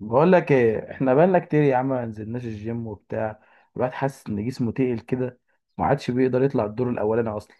بقول لك ايه؟ احنا بقالنا كتير يا عم ما نزلناش الجيم وبتاع. الواحد حاسس ان جسمه تقل كده، ما عادش بيقدر يطلع الدور الاولاني اصلا.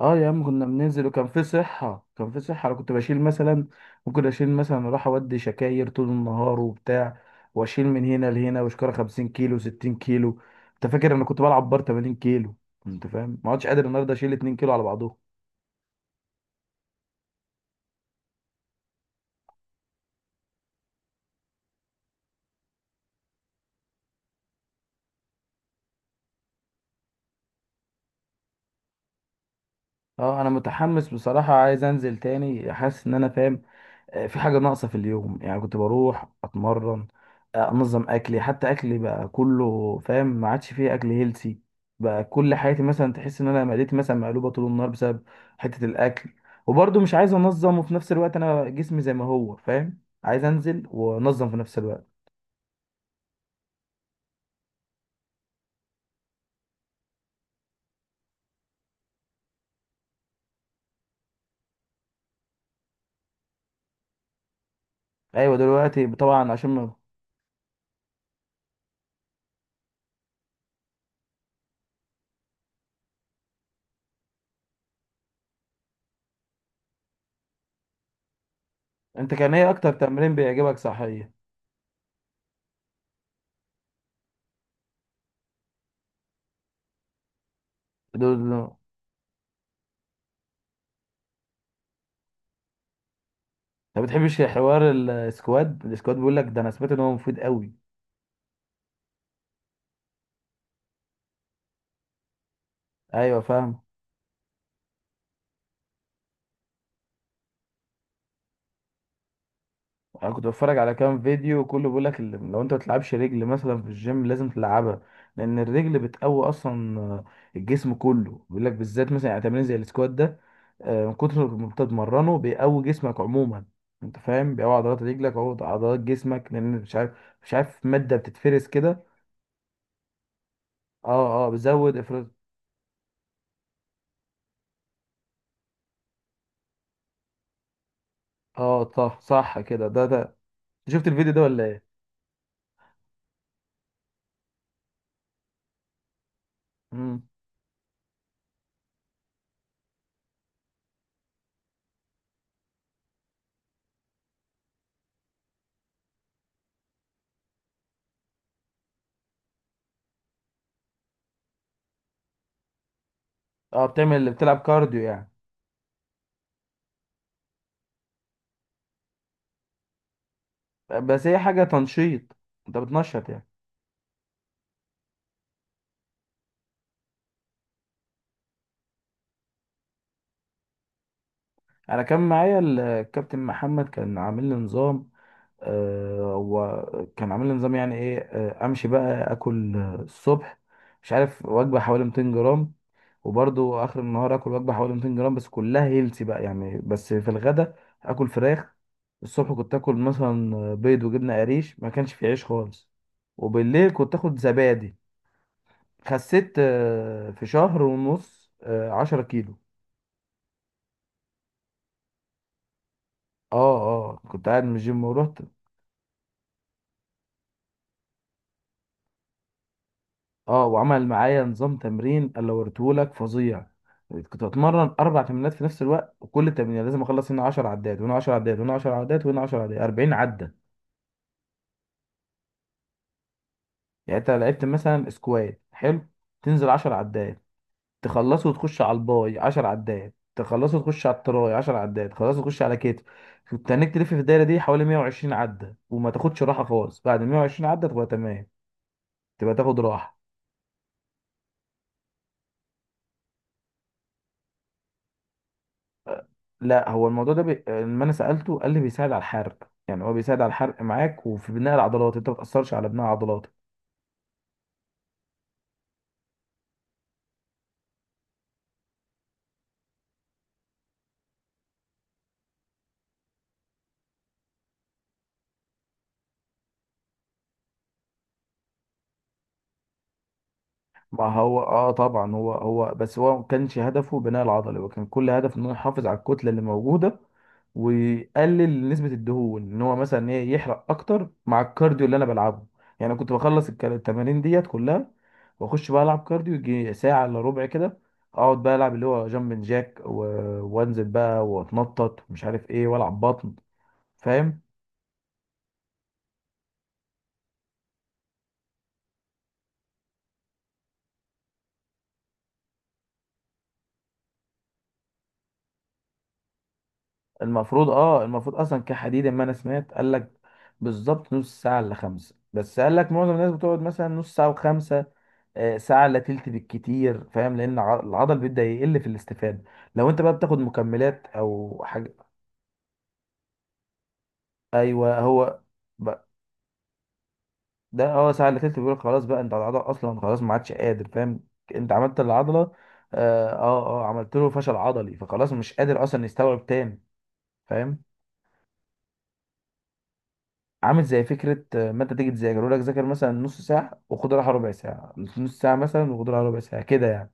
اه يا عم، كنا بننزل وكان في صحه، كان في صحه. انا كنت بشيل مثلا، ممكن اشيل مثلا، اروح اودي شكاير طول النهار وبتاع، واشيل من هنا لهنا وشكاره 50 كيلو، 60 كيلو. انت فاكر انا كنت بلعب بار 80 كيلو؟ انت فاهم، ما عادش قادر النهارده اشيل 2 كيلو على بعضهم. اه انا متحمس بصراحه، عايز انزل تاني، حاسس ان انا فاهم. في حاجة ناقصة في اليوم، يعني كنت بروح أتمرن، أنظم أكلي. حتى أكلي بقى كله فاهم، ما عادش فيه أكل هيلسي، بقى كل حياتي مثلا تحس إن أنا معدتي مثلا مقلوبة طول النهار بسبب حتة الأكل. وبرضه مش عايز أنظم، وفي نفس الوقت أنا جسمي زي ما هو فاهم، عايز أنزل وأنظم في نفس الوقت. أيوة دلوقتي طبعا عشان ما... أنت كان إيه أكتر تمرين بيعجبك صحية؟ دول أنت، ما بتحبش حوار السكواد؟ السكواد بيقول لك ده، أنا سمعت إن هو مفيد قوي. أيوة فاهم. انا كنت بتفرج على كام فيديو، كله بيقول لك لو انت ما بتلعبش رجل مثلا في الجيم لازم تلعبها، لان الرجل بتقوي اصلا. الجسم كله بيقول لك، بالذات مثلا يعني تمرين زي السكوات ده، من كتر ما انت بتتمرنه بيقوي جسمك عموما. انت فاهم، بيقوي عضلات رجلك، بيقوي عضلات جسمك، لان مش عارف، مش عارف، ماده بتتفرز كده. اه اه بيزود افراز. اه صح، صح كده، ده. شفت الفيديو ده ولا ايه؟ مم. اه بتعمل اللي بتلعب كارديو يعني. بس هي حاجه تنشيط، انت بتنشط يعني. انا كان معايا الكابتن محمد، كان عامل لي نظام، آه، هو كان عامل لي نظام يعني ايه؟ امشي بقى، اكل الصبح مش عارف وجبه حوالي 200 جرام، وبرضو اخر النهار اكل وجبه حوالي 200 جرام، بس كلها هيلثي بقى يعني. بس في الغدا اكل فراخ. الصبح كنت اكل مثلا بيض وجبنه قريش، ما كانش فيه عيش خالص. وبالليل كنت اخد زبادي. خسيت في شهر ونص 10 كيلو. اه كنت قاعد من الجيم ورحت. اه، وعمل معايا نظام تمرين اللي وريتهولك فظيع. كنت بتمرن اربع تمرينات في نفس الوقت، وكل تمرين لازم اخلص هنا 10 عدات، وهنا 10 عدات، وهنا 10 عدات، وهنا 10 عدات، 40 عده. يعني انت لعبت مثلا سكوات حلو، تنزل 10 عدات، تخلصه وتخش على الباي 10 عدات، تخلصه وتخش على التراي 10 عدات، تخلصه وتخش على كتف. كنت هناك تلف في الدايره دي حوالي 120 عده، وما تاخدش راحه خالص، بعد 120 عده تبقى تمام، تبقى تاخد راحه. لا، هو الموضوع ده لما انا سالته قال لي بيساعد على الحرق، يعني هو بيساعد على الحرق معاك وفي بناء العضلات، انت ما بتاثرش على بناء عضلاتك. ما هو اه طبعا، هو بس هو ما كانش هدفه بناء العضلي، هو كان كل هدفه انه يحافظ على الكتله اللي موجوده، ويقلل نسبه الدهون، ان هو مثلا ايه، يحرق اكتر مع الكارديو اللي انا بلعبه. يعني أنا كنت بخلص التمارين ديت كلها، واخش بقى العب كارديو يجي ساعه الا ربع كده. اقعد بقى العب اللي هو جامب جاك و... وانزل بقى واتنطط ومش عارف ايه والعب بطن، فاهم. المفروض اه، المفروض اصلا كحديد، ما انا سمعت قال لك بالظبط نص ساعه الا خمسه، بس قال لك معظم الناس بتقعد مثلا نص ساعه وخمسه، ساعه الا تلت بالكتير، فاهم، لان العضل بيبدا يقل في الاستفاده، لو انت بقى بتاخد مكملات او حاجه. ايوه هو. ب- ده اه ساعه الا تلت، بيقول خلاص بقى انت العضل اصلا خلاص ما عادش قادر، فاهم، انت عملت العضله. اه اه عملت له فشل عضلي، فخلاص مش قادر اصلا يستوعب تاني، فاهم. عامل زي فكره، ما انت تيجي تذاكر، يقول لك ذاكر مثلا نص ساعه وخد راحه ربع ساعه، نص ساعه مثلا وخد راحه ربع ساعه كده يعني.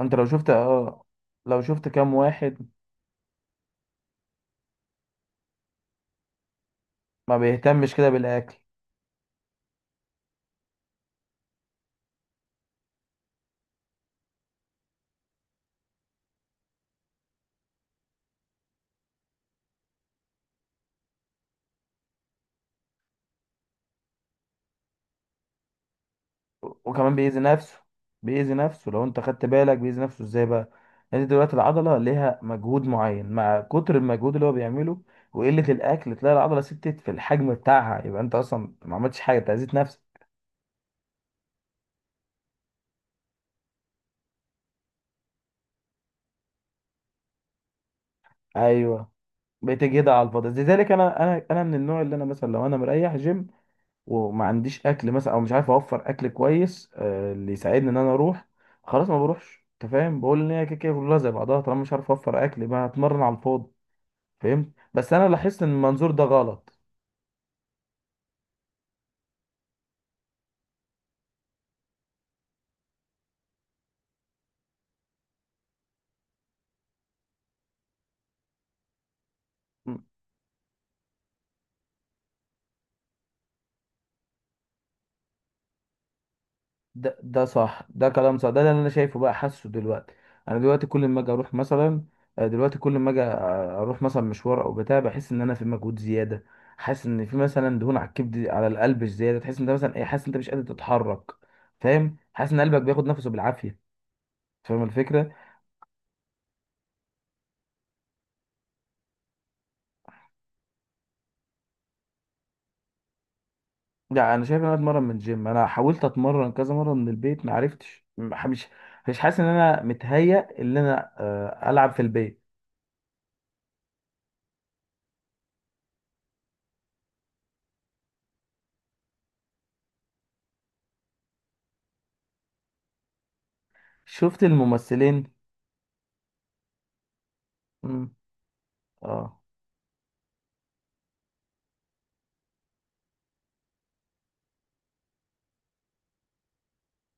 انت لو شفت اه، لو شفت كام واحد ما بيهتمش كده بالاكل، وكمان بيأذي نفسه. بيأذي نفسه، لو انت خدت بالك بيأذي نفسه ازاي بقى؟ انت دلوقتي العضله ليها مجهود معين، مع كتر المجهود اللي هو بيعمله وقله الاكل، تلاقي العضله ستت في الحجم بتاعها، يبقى انت اصلا ما عملتش حاجه، انت اذيت نفسك. ايوه بتجهدها على الفاضي. لذلك انا، انا من النوع اللي انا مثلا لو انا مريح جيم وما عنديش اكل مثلا، او مش عارف اوفر اكل كويس اللي يساعدني ان انا اروح، خلاص ما بروحش. انت فاهم، بقول ان هي كده كده كلها زي بعضها، طالما مش عارف اوفر اكل، ما هتمرن على الفاضي. فهمت؟ بس انا لاحظت ان المنظور ده غلط. م. ده ده صح، ده كلام صح، ده اللي انا شايفه بقى، حاسه دلوقتي. انا دلوقتي كل ما اجي اروح مثلا، دلوقتي كل ما اجي اروح مثلا مشوار او بتاع، بحس ان انا في مجهود زياده، حاسس ان في مثلا دهون على الكبد، على القلب زياده، تحس ان انت مثلا ايه، حاسس ان انت مش قادر تتحرك، فاهم، حاسس ان قلبك بياخد نفسه بالعافيه، فاهم الفكره. لا انا شايف ان انا اتمرن من الجيم. انا حاولت اتمرن كذا مره من البيت، ما عرفتش، مش حاسس ان انا متهيأ ان انا العب في البيت. شفت الممثلين؟ مم. اه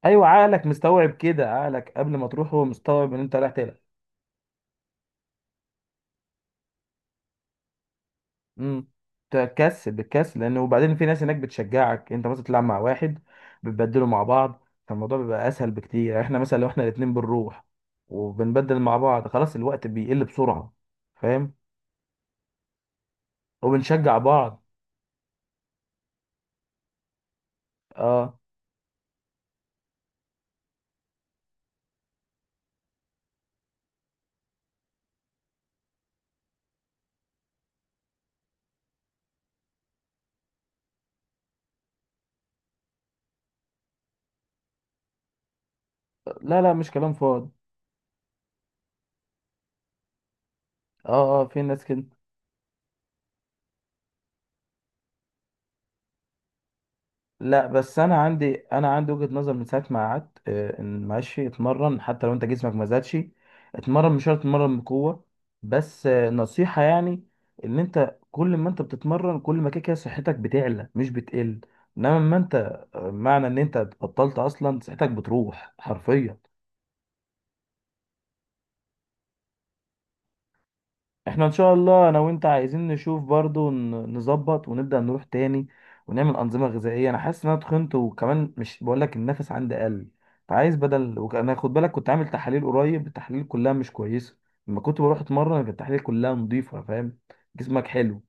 ايوه، عقلك مستوعب كده، عقلك قبل ما تروح هو مستوعب ان انت رايح تلعب. امم. تكسل، بتكسل، لان وبعدين في ناس هناك بتشجعك، انت مثلا تلعب مع واحد، بتبدلوا مع بعض، فالموضوع بيبقى اسهل بكتير. يعني احنا مثلا لو احنا الاتنين بنروح وبنبدل مع بعض، خلاص الوقت بيقل بسرعه، فاهم، وبنشجع بعض. اه. لا لا، مش كلام فاضي. اه اه، في ناس كده. لا بس انا عندي، انا عندي وجهة نظر من ساعه ما قعدت، ان ماشي اتمرن حتى لو انت جسمك ما زادش، اتمرن، مش شرط اتمرن بقوه، بس نصيحه يعني، ان انت كل ما انت بتتمرن، كل ما كده كده صحتك بتعلى، مش بتقل، انما ما انت معنى ان انت بطلت اصلا صحتك بتروح حرفيا. احنا ان شاء الله انا وانت عايزين نشوف برضو، نظبط ونبدأ نروح تاني ونعمل انظمة غذائية. انا حاسس ان انا تخنت، وكمان مش بقول لك النفس عندي قل، فعايز بدل، انا خد بالك كنت عامل تحاليل قريب، التحاليل كلها مش كويسة. لما كنت بروح اتمرن كانت التحاليل كلها نظيفة، فاهم، جسمك حلو.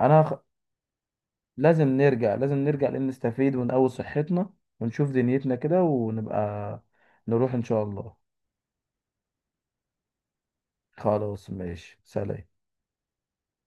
انا خ... لازم نرجع، لازم نرجع لان نستفيد ونقوي صحتنا ونشوف دنيتنا كده، ونبقى نروح ان شاء الله. خلاص ماشي، سلام.